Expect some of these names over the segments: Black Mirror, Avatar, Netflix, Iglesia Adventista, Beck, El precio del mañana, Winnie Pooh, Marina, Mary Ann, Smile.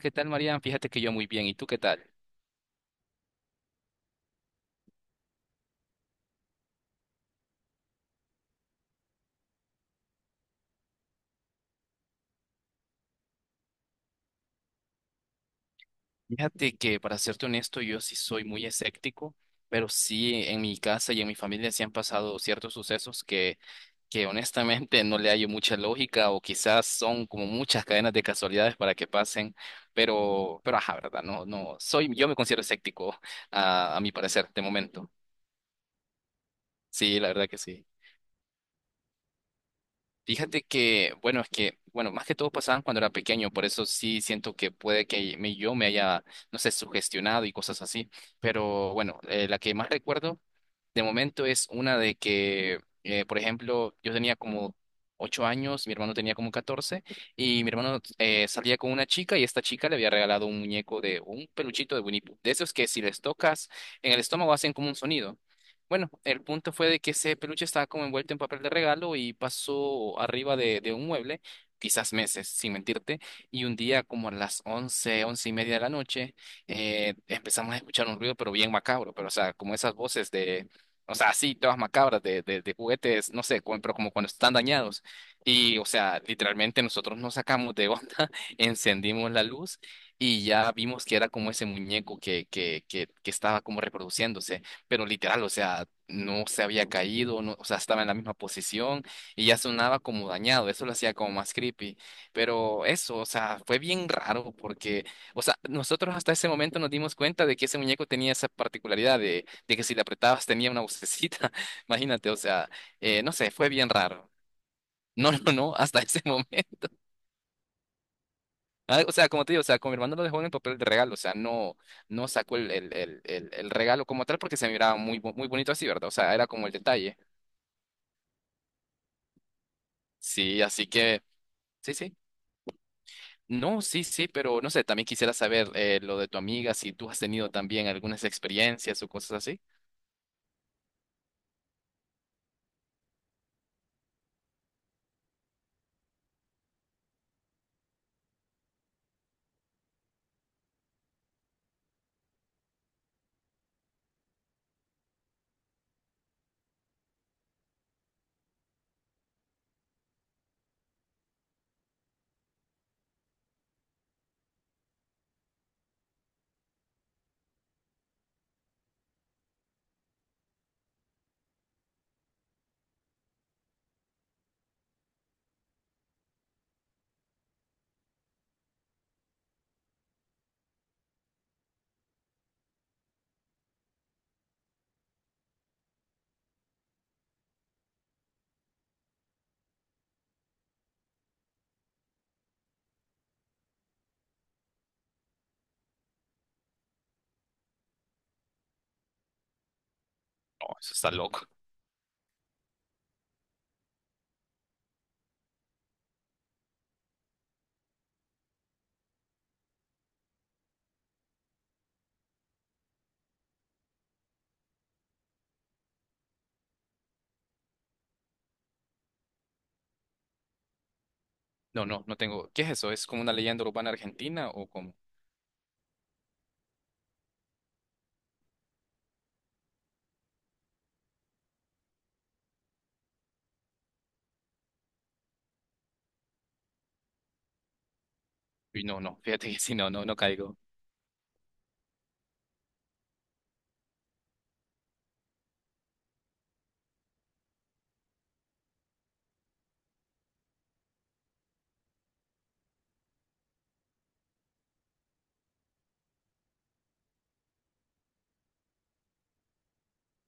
¿Qué tal, Marian? Fíjate que yo muy bien. ¿Y tú qué tal? Fíjate que, para serte honesto, yo sí soy muy escéptico, pero sí en mi casa y en mi familia sí han pasado ciertos sucesos que honestamente no le hallo mucha lógica o quizás son como muchas cadenas de casualidades para que pasen, pero ajá, ¿verdad? No, no, yo me considero escéptico, a mi parecer, de momento. Sí, la verdad que sí. Fíjate que, bueno, es que, bueno, más que todo pasaban cuando era pequeño, por eso sí siento que puede que yo me haya, no sé, sugestionado y cosas así, pero bueno, la que más recuerdo de momento es una de que, por ejemplo, yo tenía como 8 años, mi hermano tenía como 14 y mi hermano salía con una chica y esta chica le había regalado un muñeco de un peluchito de Winnie Pooh. De esos que si les tocas en el estómago hacen como un sonido. Bueno, el punto fue de que ese peluche estaba como envuelto en papel de regalo y pasó arriba de un mueble, quizás meses, sin mentirte, y un día como a las 11, 11:30 de la noche empezamos a escuchar un ruido, pero bien macabro, pero o sea, como esas voces de, o sea, así, todas macabras de, de juguetes, no sé, pero como cuando están dañados. Y, o sea, literalmente nosotros nos sacamos de onda, encendimos la luz y ya vimos que era como ese muñeco que estaba como reproduciéndose. Pero literal, o sea, no se había caído, no, o sea, estaba en la misma posición y ya sonaba como dañado. Eso lo hacía como más creepy. Pero eso, o sea, fue bien raro porque, o sea, nosotros hasta ese momento nos dimos cuenta de que ese muñeco tenía esa particularidad de que si le apretabas tenía una vocecita. Imagínate, o sea, no sé, fue bien raro. No, no, no, hasta ese momento. Ah, o sea, como te digo, o sea, con mi hermano lo dejó en el papel de regalo, o sea, no, no sacó el regalo como tal porque se miraba muy, muy bonito así, ¿verdad? O sea, era como el detalle. Sí, así que, sí, sí. No, sí, sí, pero no sé, también quisiera saber lo de tu amiga, si tú has tenido también algunas experiencias o cosas así. No, eso está loco. No, no, no tengo. ¿Qué es eso? ¿Es como una leyenda urbana argentina o como? Uy, no, no, fíjate que sí, no, no, no caigo.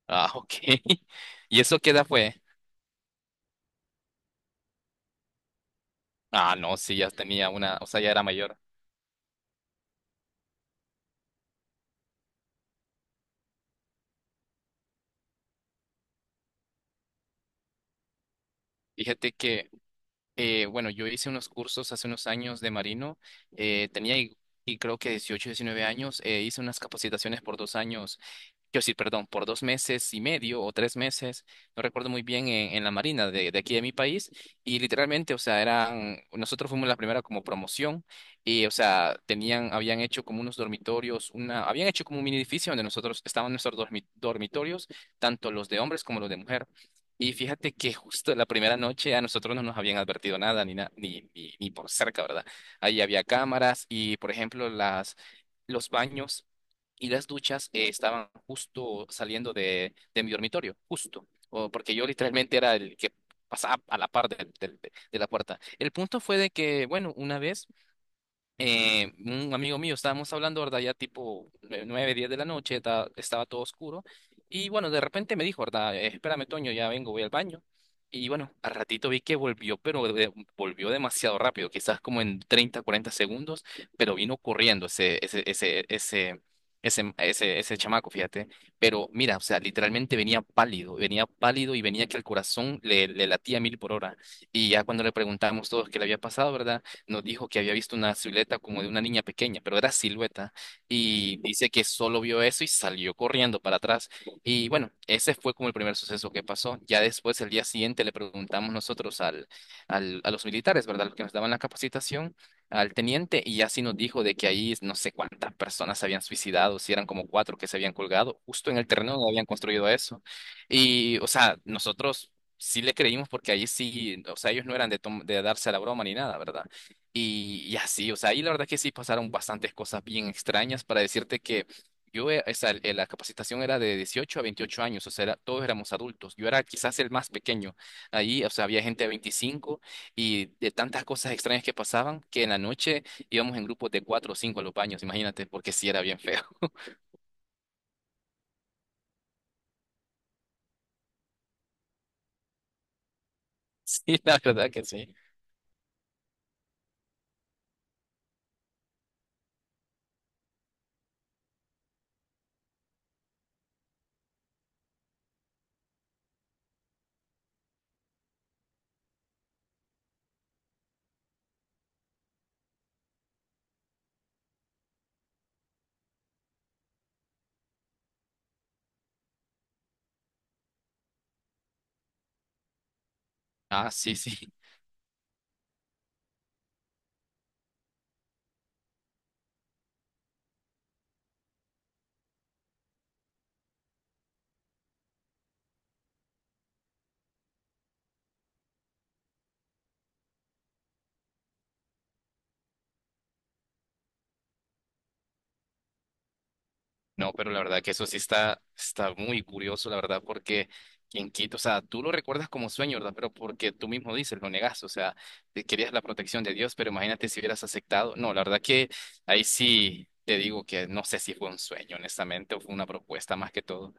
Ah, ok. ¿Y eso qué edad fue? Ah, no, sí, ya tenía una, o sea, ya era mayor. Fíjate que, bueno, yo hice unos cursos hace unos años de marino, tenía y creo que 18, 19 años, hice unas capacitaciones por 2 años. Yo sí, perdón, por 2 meses y medio o 3 meses, no recuerdo muy bien, en la Marina de aquí de mi país. Y literalmente, o sea, nosotros fuimos la primera como promoción y, o sea, habían hecho como unos dormitorios, habían hecho como un mini edificio donde nosotros estaban nuestros dormitorios, tanto los de hombres como los de mujer. Y fíjate que justo la primera noche a nosotros no nos habían advertido nada, ni, na- ni, ni, ni por cerca, ¿verdad? Ahí había cámaras y, por ejemplo, Los baños y las duchas estaban justo saliendo de mi dormitorio, justo, o porque yo literalmente era el que pasaba a la par de la puerta. El punto fue de que, bueno, una vez un amigo mío, estábamos hablando, ¿verdad? Ya tipo 9, 10 de la noche, estaba todo oscuro. Y bueno, de repente me dijo, ¿verdad? Espérame, Toño, ya vengo, voy al baño". Y bueno, al ratito vi que volvió, pero volvió demasiado rápido, quizás como en 30, 40 segundos, pero vino corriendo ese chamaco, fíjate. Pero mira, o sea, literalmente venía pálido y venía que el corazón le latía a mil por hora. Y ya cuando le preguntamos todos qué le había pasado, ¿verdad? Nos dijo que había visto una silueta como de una niña pequeña, pero era silueta, y dice que solo vio eso y salió corriendo para atrás. Y bueno, ese fue como el primer suceso que pasó. Ya después, el día siguiente, le preguntamos nosotros a los militares, ¿verdad? Los que nos daban la capacitación, al teniente, y ya sí nos dijo de que ahí no sé cuántas personas se habían suicidado, si eran como cuatro que se habían colgado, justo en el terreno donde habían construido eso. Y, o sea, nosotros sí le creímos porque ahí sí, o sea, ellos no eran de darse a la broma ni nada, ¿verdad? Y así, o sea, y la verdad que sí pasaron bastantes cosas bien extrañas para decirte que yo, o sea, la capacitación era de 18 a 28 años, o sea, todos éramos adultos. Yo era quizás el más pequeño. Ahí, o sea, había gente de 25 y de tantas cosas extrañas que pasaban que en la noche íbamos en grupos de cuatro o cinco a los baños, imagínate, porque sí era bien feo. Sí, la verdad que sí. Ah, sí, sí. No, pero la verdad que eso sí está muy curioso, la verdad, porque quien quita, o sea, tú lo recuerdas como sueño, ¿verdad? Pero porque tú mismo dices, lo negaste, o sea, te querías la protección de Dios, pero imagínate si hubieras aceptado. No, la verdad que ahí sí te digo que no sé si fue un sueño, honestamente, o fue una propuesta más que todo.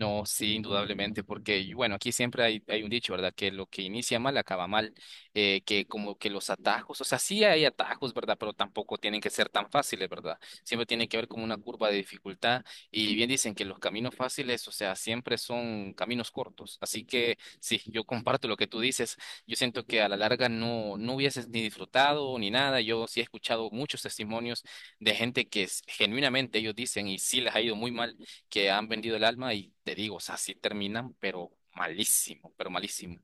No, sí, indudablemente, porque bueno, aquí siempre hay un dicho, ¿verdad? Que lo que inicia mal acaba mal, que como que los atajos, o sea, sí hay atajos, ¿verdad? Pero tampoco tienen que ser tan fáciles, ¿verdad? Siempre tiene que haber como una curva de dificultad y bien dicen que los caminos fáciles, o sea, siempre son caminos cortos, así que sí, yo comparto lo que tú dices, yo siento que a la larga no, no hubieses ni disfrutado ni nada, yo sí he escuchado muchos testimonios de gente que genuinamente ellos dicen y sí les ha ido muy mal que han vendido el alma y te digo, o sea, sí terminan, pero malísimo, pero malísimo.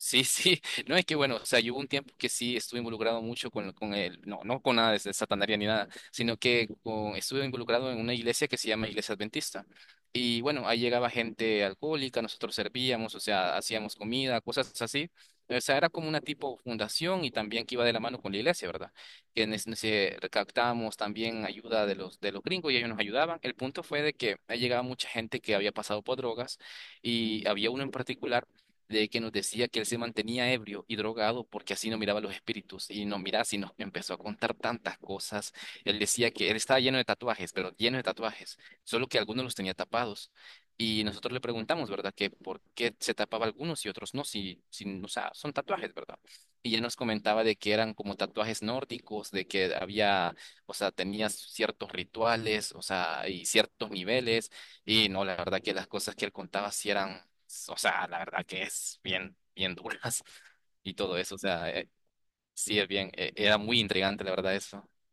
Sí, sí, no es que bueno, o sea, yo hubo un tiempo que sí estuve involucrado mucho no, no con nada de satanaria ni nada, sino que estuve involucrado en una iglesia que se llama Iglesia Adventista. Y bueno, ahí llegaba gente alcohólica, nosotros servíamos, o sea, hacíamos comida, cosas así. O sea, era como una tipo fundación y también que iba de la mano con la iglesia, ¿verdad? Que en ese recaptábamos también ayuda de los gringos y ellos nos ayudaban. El punto fue de que ahí llegaba mucha gente que había pasado por drogas y había uno en particular de que nos decía que él se mantenía ebrio y drogado porque así no miraba los espíritus. Y no, mira, si nos empezó a contar tantas cosas. Él decía que él estaba lleno de tatuajes, pero lleno de tatuajes, solo que algunos los tenía tapados. Y nosotros le preguntamos, ¿verdad? Que por qué se tapaba algunos y otros no, si, o sea, son tatuajes, ¿verdad? Y él nos comentaba de que eran como tatuajes nórdicos, de que había, o sea, tenía ciertos rituales, o sea, y ciertos niveles. Y no, la verdad que las cosas que él contaba sí eran o sea, la verdad que es bien, bien duras y todo eso, o sea, sí es bien, era muy intrigante la verdad eso.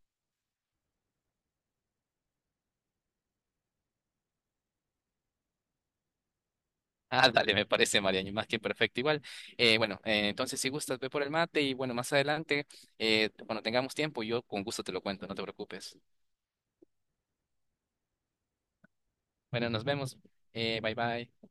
Ah, dale, me parece, Mariano, más que perfecto igual. Bueno, entonces si gustas, ve por el mate y bueno, más adelante, cuando tengamos tiempo, yo con gusto te lo cuento, no te preocupes. Bueno, nos vemos. Bye bye.